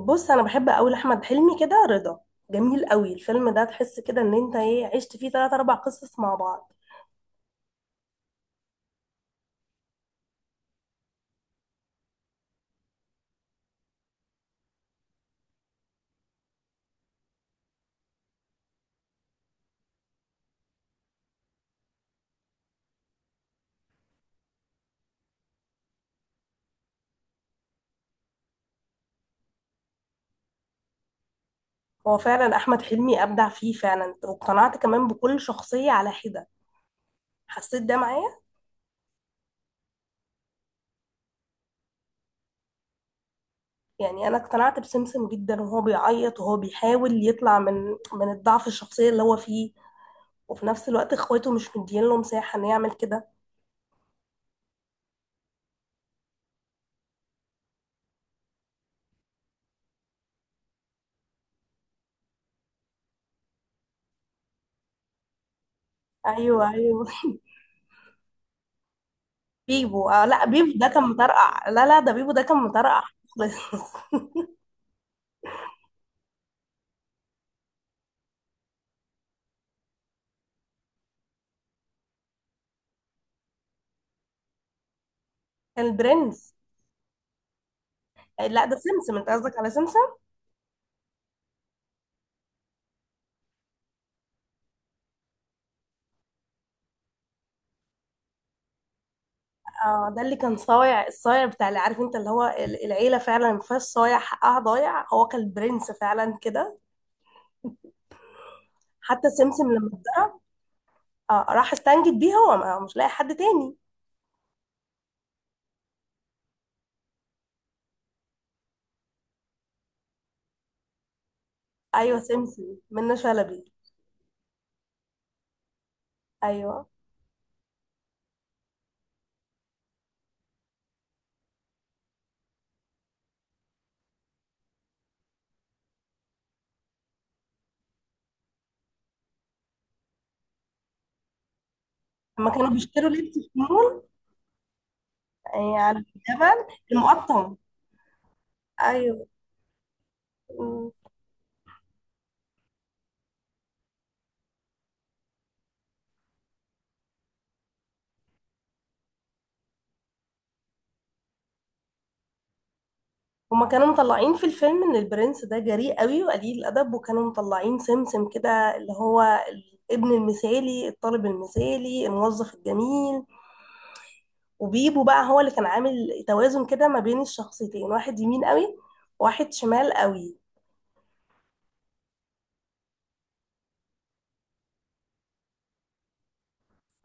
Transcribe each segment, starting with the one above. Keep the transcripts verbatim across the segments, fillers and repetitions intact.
بص، انا بحب قوي احمد حلمي كده. رضا جميل قوي الفيلم ده. تحس كده ان انت ايه عشت فيه ثلاث اربع قصص مع بعض. هو فعلا احمد حلمي ابدع فيه فعلا، واقتنعت كمان بكل شخصية على حدة. حسيت ده معايا. يعني انا اقتنعت بسمسم جدا وهو بيعيط وهو بيحاول يطلع من من الضعف الشخصيه اللي هو فيه، وفي نفس الوقت اخواته مش مدين له مساحه انه يعمل كده. ايوه، ايوه. بيبو، آه لا، بيبو ده كان مطرقع. لا لا ده بيبو ده كان مطرقع خالص. كان البرنس. لا، ده سمسم، انت قصدك على سمسم. اه، ده اللي كان صايع، الصايع بتاع، اللي عارف انت اللي هو ال- العيله فعلا ما فيهاش صايع حقها ضايع، هو كان البرنس فعلا كده. حتى سمسم لما اه راح استنجد بيه، هو ما- مش لاقي حد تاني. ايوه، سمسم منة شلبي. ايوه. لما كانوا بيشتروا لبس في المول، يعني على الجبل. المقطم. ايوه. هما كانوا مطلعين في الفيلم ان البرنس ده جريء قوي وقليل الادب، وكانوا مطلعين سمسم كده اللي هو الابن المثالي، الطالب المثالي، الموظف الجميل. وبيبو بقى هو اللي كان عامل توازن كده ما بين الشخصيتين، واحد يمين قوي وواحد شمال قوي.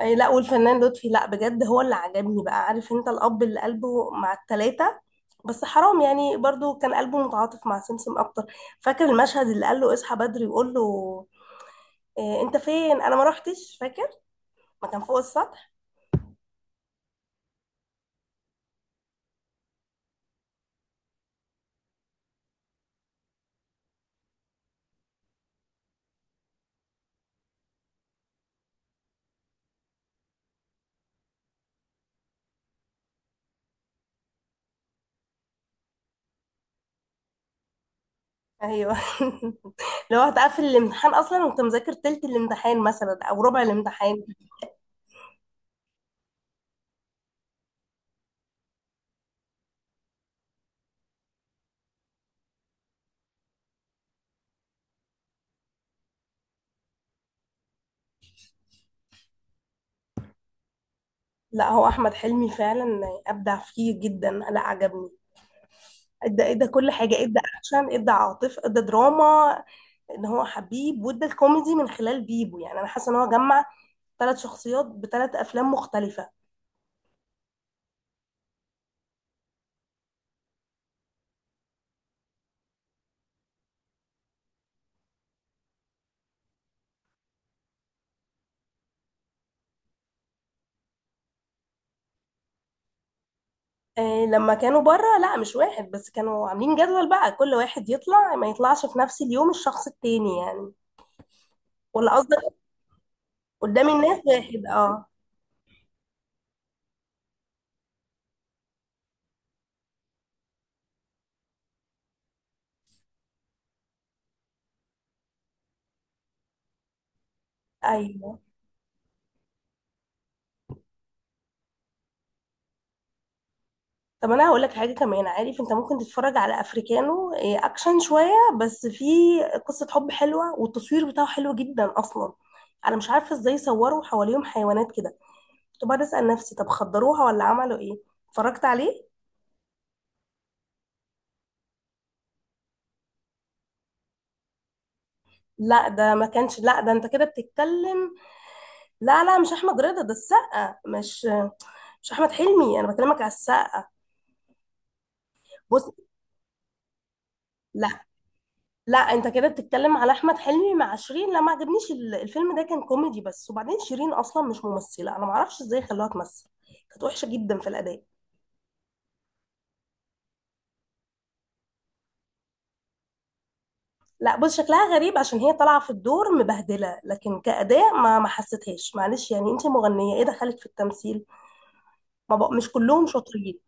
أي لا، والفنان لطفي، لا بجد هو اللي عجبني بقى، عارف انت، الاب اللي قلبه مع التلاتة. بس حرام، يعني برضو كان قلبه متعاطف مع سمسم اكتر. فاكر المشهد اللي قال له اصحى بدري وقول له إيه انت فين، انا ما روحتش، فاكر؟ ما كان فوق السطح. ايوه. لو هتقفل الامتحان اصلا وانت مذاكر تلت الامتحان مثلا او ربع الامتحان. لا، هو احمد حلمي فعلا ابدع فيه جدا، لا عجبني. ادى، ادى كل حاجه، ادى اكشن، ادى عاطف، ادى دراما، ان هو حبيب، وادى الكوميدي من خلال بيبو. يعني انا حاسه ان هو جمع ثلاث شخصيات بثلاث افلام مختلفه. إيه لما كانوا بره، لا مش واحد، بس كانوا عاملين جدول بقى كل واحد يطلع ما يطلعش في نفس اليوم الشخص التاني يعني. ولا قصدك قدام الناس واحد؟ اه، ايوه. طب انا هقول لك حاجه كمان، عارف انت، ممكن تتفرج على افريكانو. إيه، اكشن شويه، بس في قصه حب حلوه، والتصوير بتاعه حلو جدا اصلا. انا مش عارفه ازاي صوروا حواليهم حيوانات كده، كنت بقعد اسال نفسي طب خدروها ولا عملوا ايه؟ اتفرجت عليه. لا ده ما كانش، لا ده انت كده بتتكلم، لا لا، مش احمد رضا، ده السقا، مش مش احمد حلمي، انا بكلمك على السقا. بص، لا لا، انت كده بتتكلم على احمد حلمي مع شيرين، لا ما عجبنيش ال- الفيلم ده، كان كوميدي بس. وبعدين شيرين اصلا مش ممثله، انا ما اعرفش ازاي خلوها تمثل، كانت وحشه جدا في الاداء. لا بص، شكلها غريب عشان هي طالعه في الدور مبهدله، لكن كاداء ما ما حسيتهاش. معلش يعني انت مغنيه، ايه دخلك في التمثيل؟ ما بق... مش كلهم شاطرين.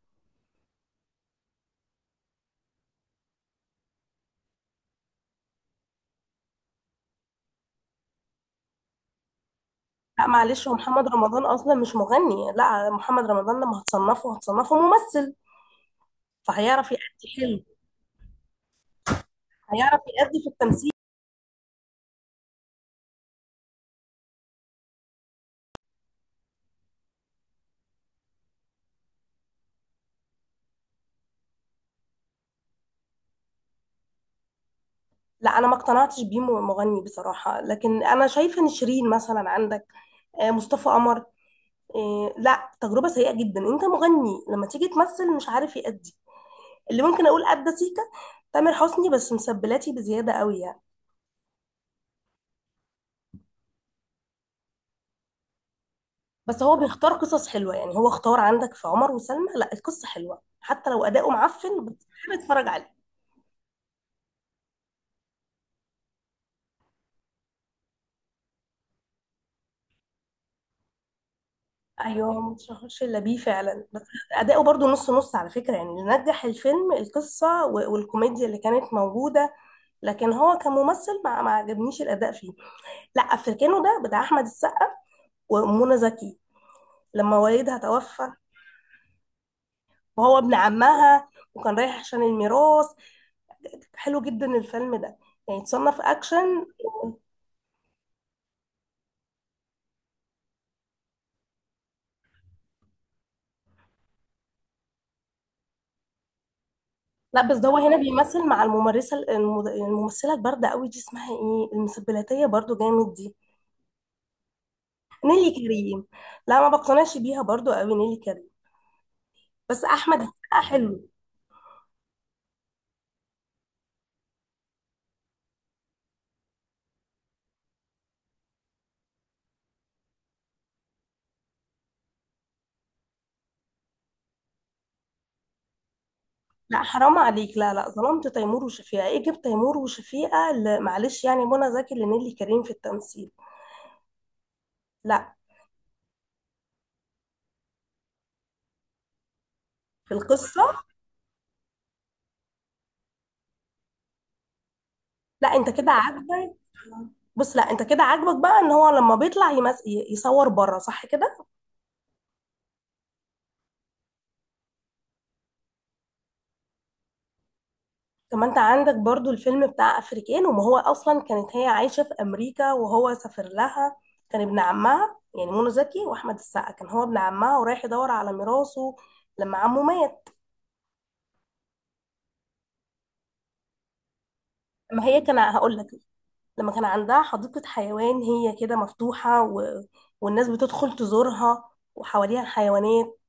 لا معلش، هو محمد رمضان اصلا مش مغني، لا محمد رمضان لما هتصنفه هتصنفه ممثل، فهيعرف يأدي حلو. هيعرف يأدي في التمثيل. لا انا ما اقتنعتش بيه م- مغني بصراحه، لكن انا شايفه ان شيرين مثلا عندك، آه، مصطفى قمر، آه، لا تجربه سيئه جدا. انت مغني لما تيجي تمثل مش عارف يأدي. اللي ممكن اقول ادى سيكا تامر حسني، بس مسبلاتي بزياده قوي يعني. بس هو بيختار قصص حلوه، يعني هو اختار عندك في عمر وسلمى، لا القصه حلوه حتى لو اداؤه معفن، بس بحب اتفرج عليه. ايوه، ما تشهرش الا بيه فعلا. بس اداؤه برضو نص نص على فكره، يعني اللي نجح الفيلم القصه و- والكوميديا اللي كانت موجوده، لكن هو كممثل ما ما عجبنيش الاداء فيه. لا، افريكانو ده بتاع احمد السقا ومنى زكي، لما والدها توفى، وهو ابن عمها، وكان رايح عشان الميراث. حلو جدا الفيلم ده، يعني تصنف اكشن. لا بس ده هو هنا بيمثل مع الممارسه المد- الممثله البارده قوي دي، اسمها ايه، المسبلاتيه برضو جامد دي. نيلي كريم. لا ما بقتنعش بيها برضو قوي نيلي كريم، بس احمد السقا حلو. لا حرام عليك، لا لا ظلمت تيمور وشفيقة، ايه جبت تيمور وشفيقة ل- معلش يعني منى زكي لنيلي كريم في التمثيل. لا. في القصة. لا، انت كده عاجبك. بص، لا انت كده عاجبك بقى ان هو لما بيطلع يمس... ي- يصور بره، صح كده؟ طب ما انت عندك برضو الفيلم بتاع افريكان، وما هو اصلا كانت هي عايشة في امريكا وهو سافر لها، كان ابن عمها، يعني منى زكي واحمد السقا كان هو ابن عمها ورايح يدور على ميراثه لما عمه مات. ما هي كان هقول لك، لما كان عندها حديقة حيوان، هي كده مفتوحة، و... والناس بتدخل تزورها وحواليها الحيوانات.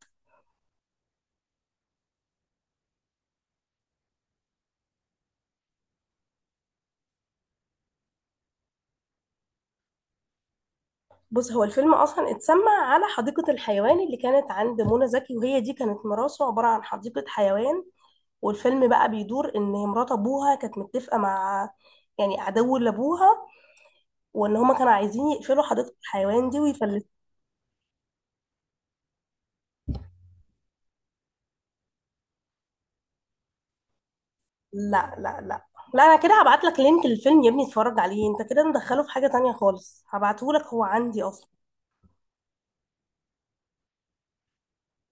بص، هو الفيلم أصلا اتسمى على حديقة الحيوان اللي كانت عند منى زكي، وهي دي كانت مراسه عبارة عن حديقة حيوان. والفيلم بقى بيدور إن مرات أبوها كانت متفقة مع، يعني عدو لأبوها، وإن هما كانوا عايزين يقفلوا حديقة الحيوان دي ويفلتوا. لا لا لا لا انا كده هبعت لك لينك للفيلم يا ابني اتفرج عليه، انت كده مدخله في حاجة تانية خالص، هبعته لك هو عندي اصلا.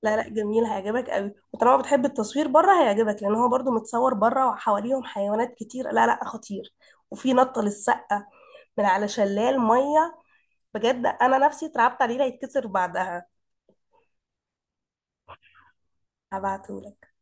لا لا، جميل، هيعجبك قوي، وطالما بتحب التصوير بره هيعجبك، لان هو برضو متصور بره وحواليهم حيوانات كتير. لا لا، خطير، وفي نطة للسقة من على شلال مية، بجد انا نفسي اترعبت عليه لا يتكسر بعدها. هبعتهولك.